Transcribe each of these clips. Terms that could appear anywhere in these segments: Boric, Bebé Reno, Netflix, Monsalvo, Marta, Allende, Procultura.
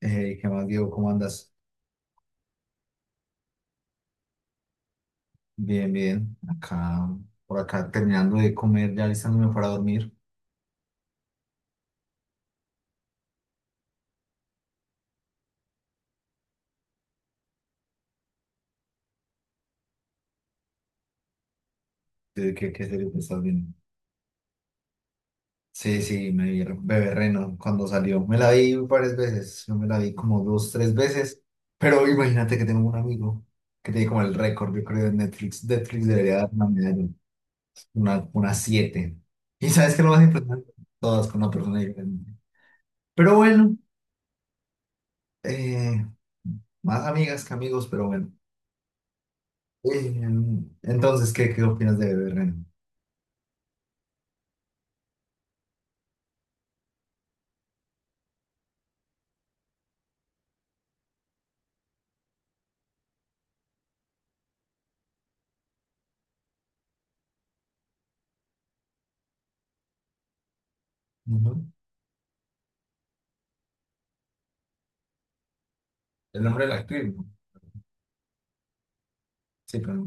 Hey, ¿qué más, Diego? ¿Cómo andas? Bien, bien. Acá, por acá terminando de comer, ya listándome para dormir. ¿De ¿Qué, qué serie te estás viendo? Sí, sí, me vi Bebé Reno cuando salió. Me la vi varias veces. Yo me la vi como dos, tres veces. Pero imagínate que tengo un amigo que tiene como el récord, yo creo, de Netflix. Netflix debería dar una medalla, una siete. ¿Y sabes qué es lo más importante? Todas con una persona diferente. Pero bueno, eh, más amigas que amigos, pero bueno. Eh, entonces, ¿qué, qué opinas de Bebé Reno? Ujú. El nombre de la actriz, ¿no? Sí, pero...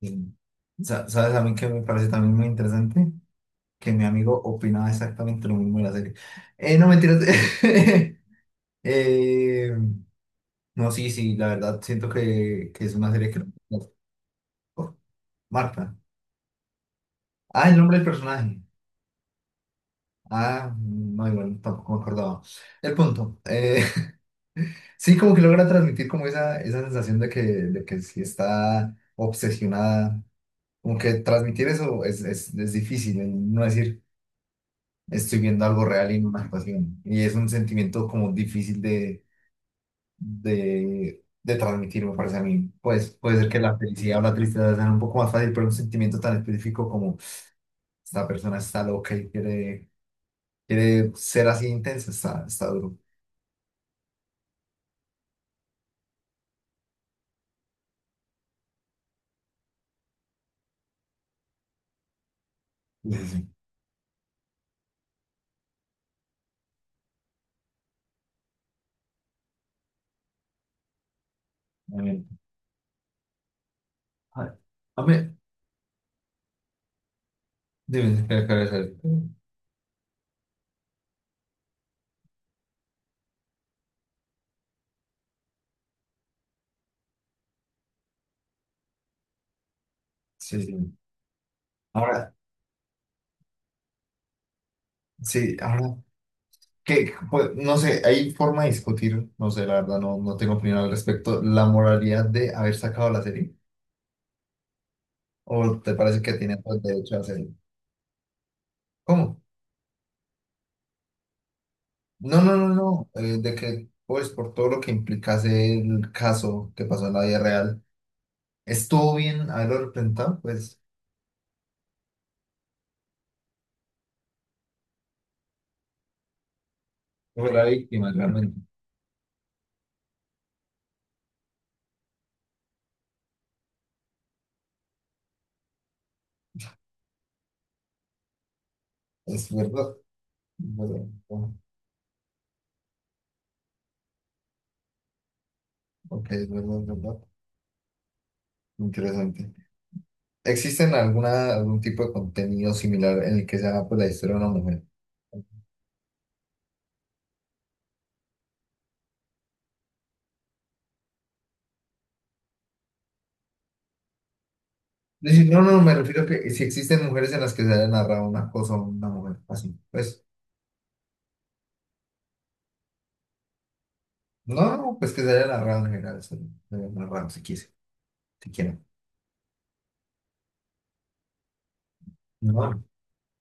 eh, ¿Sabes a mí que me parece también muy interesante? Que mi amigo opinaba exactamente lo mismo de la serie. No, mentiras. Eh, no, sí, sí, la verdad, siento que es una serie que... Marta. Ah, el nombre del personaje. Ah, no, igual, tampoco me acordaba. El punto. Sí, como que logra transmitir como esa sensación de que sí está obsesionada. Como que transmitir eso es, es difícil, el no decir estoy viendo algo real en una actuación. Y es un sentimiento como difícil de, de transmitir, me parece a mí. Pues puede ser que la felicidad o la tristeza sean un poco más fácil, pero un sentimiento tan específico como esta persona está loca y quiere, quiere ser así intensa, está, está duro. Sí, sí, sí. A mí, a a mí, dime, espera, espera, espera. Sí, sí. Ahora, sí, ahora, que, pues, no sé, hay forma de discutir, no sé, la verdad, no, no tengo opinión al respecto, la moralidad de haber sacado la serie, o te parece que tiene todo el derecho a hacerlo. ¿Cómo? No, no, no, no, de que, pues, por todo lo que implicase el caso que pasó en la vida real, estuvo bien haberlo representado, pues, fue la víctima, realmente. Es verdad, es verdad, bueno, ok, es verdad, interesante. ¿Existen alguna, algún tipo de contenido similar en el que se haga pues, la historia de una mujer? Es decir, no, no, me refiero a que si existen mujeres en las que se haya narrado una cosa a una mujer así. Pues, no, no, pues que se haya narrado en general, se haya narrado si quise, si quieren. No.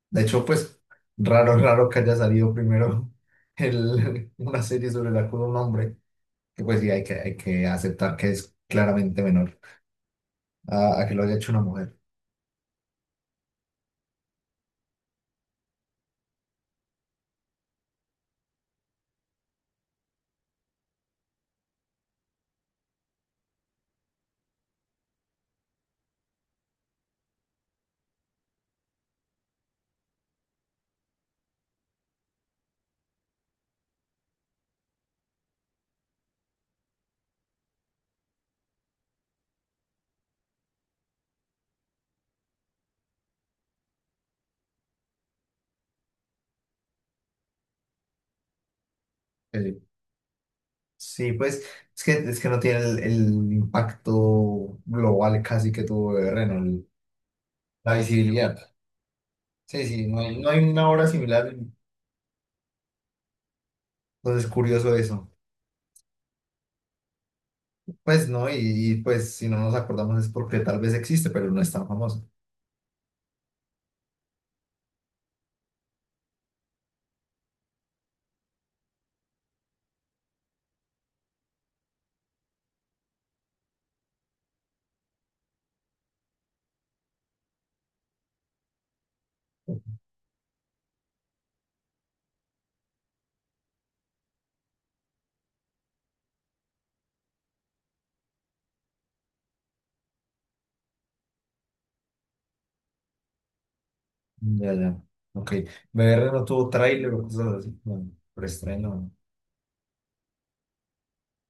De hecho, pues, raro, raro que haya salido primero una serie sobre el acoso de un hombre, que pues sí, hay que aceptar que es claramente menor a que lo haya hecho una mujer. eh, Sí, pues es que no tiene el impacto global casi que tuvo Berren, el- la visibilidad. Sí, sí, no hay, no hay una obra similar, entonces es curioso eso. Pues no, y, pues si no nos acordamos es porque tal vez existe, pero no es tan famoso. Ya, ya, ok. BR no tuvo tráiler o cosas así, no, preestreno,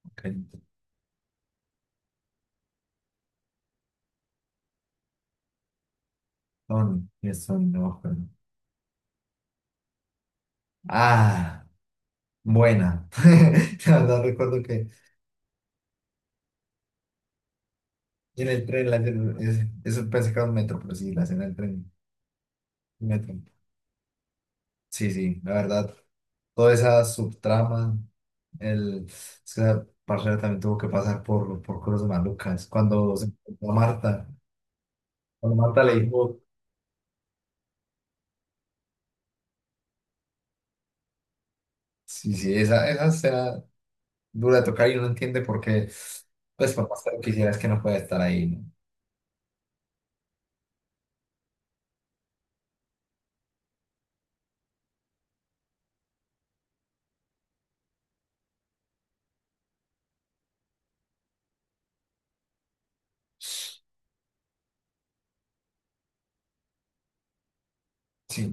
ok. No, no, eso no me acuerdo. Ah, buena. La verdad recuerdo que en el tren, la, es- eso pensé que era un metro, pero sí, la escena del tren. Neto. Sí, sí, la verdad. Toda esa subtrama, el, es que esa parcera también tuvo que pasar por cosas malucas. Cuando se encontró a Marta, cuando Marta le dijo, sí, sí, esa escena dura de tocar y uno entiende por qué, pues por más que lo quisiera es que no puede estar ahí, ¿no? Sí,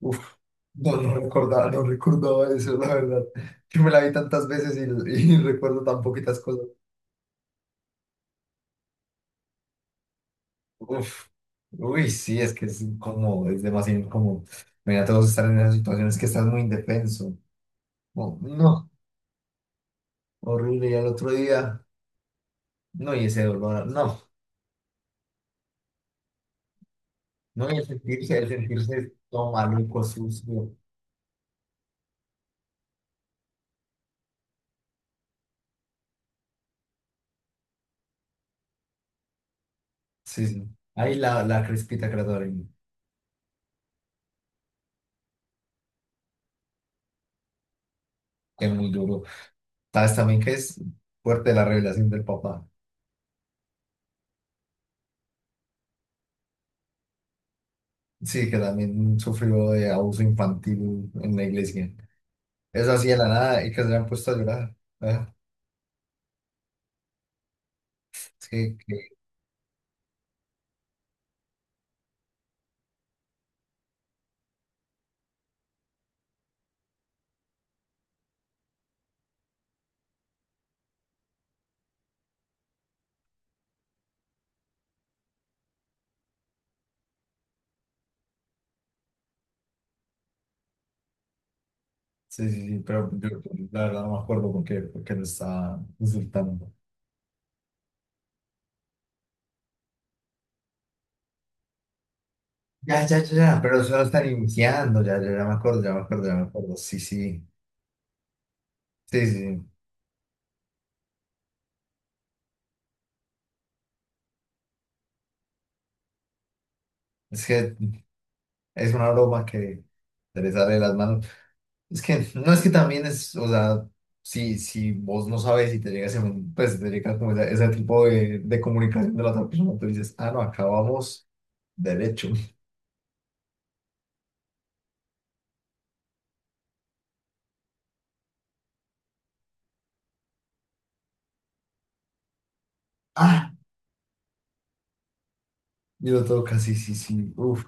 uf, no, no recordaba, no recordaba eso, la verdad. Yo me la vi tantas veces y recuerdo tan poquitas cosas. Uf, uy, sí, es que es incómodo, es demasiado incómodo. Mira, todos estar en esas situaciones que estás muy indefenso. Oh, no, horrible. Y al otro día, no, y ese dolor, no, no, y el sentirse todo maluco, sucio. Sí, sí. Ahí la, la crespita que la doy, que es muy duro. Sabes también que es fuerte la revelación del papá. Sí, que también sufrió de abuso infantil en la iglesia. Eso así de la nada y que se le han puesto a llorar. Ah, sí, sí, sí, sí, pero yo la verdad no me acuerdo por qué lo estaba insultando. Ya, ya, ya, ya, pero solo están iniciando, ya, ya, ya me acuerdo, ya me acuerdo, ya me acuerdo. Sí, sí, sí, sí. sí. Es que es una broma que se le sale de las manos. Es que no es que también es, o sea, si, si vos no sabes y te llegas, en- pues te llegas como ese tipo de comunicación de la otra persona, tú dices, ah, no, acabamos derecho. Ah, y lo toca, sí, sí, sí, uf.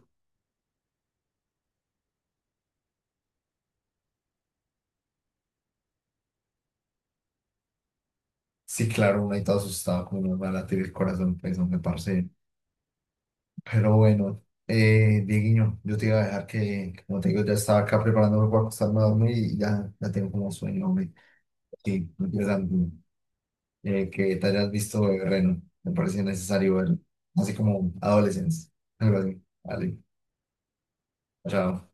Sí, claro, una y todo asustado, como nos va a latir el corazón, pues, no me parce. Pero bueno, Dieguiño, yo te iba a dejar que, como te digo, ya estaba acá preparándome para acostarme a dormir y ya, ya tengo como sueño, hombre. Sí, me quiero tanto, que te hayas visto de Reno, me parecía necesario verlo, así como adolescencia, algo así. Vale, chao.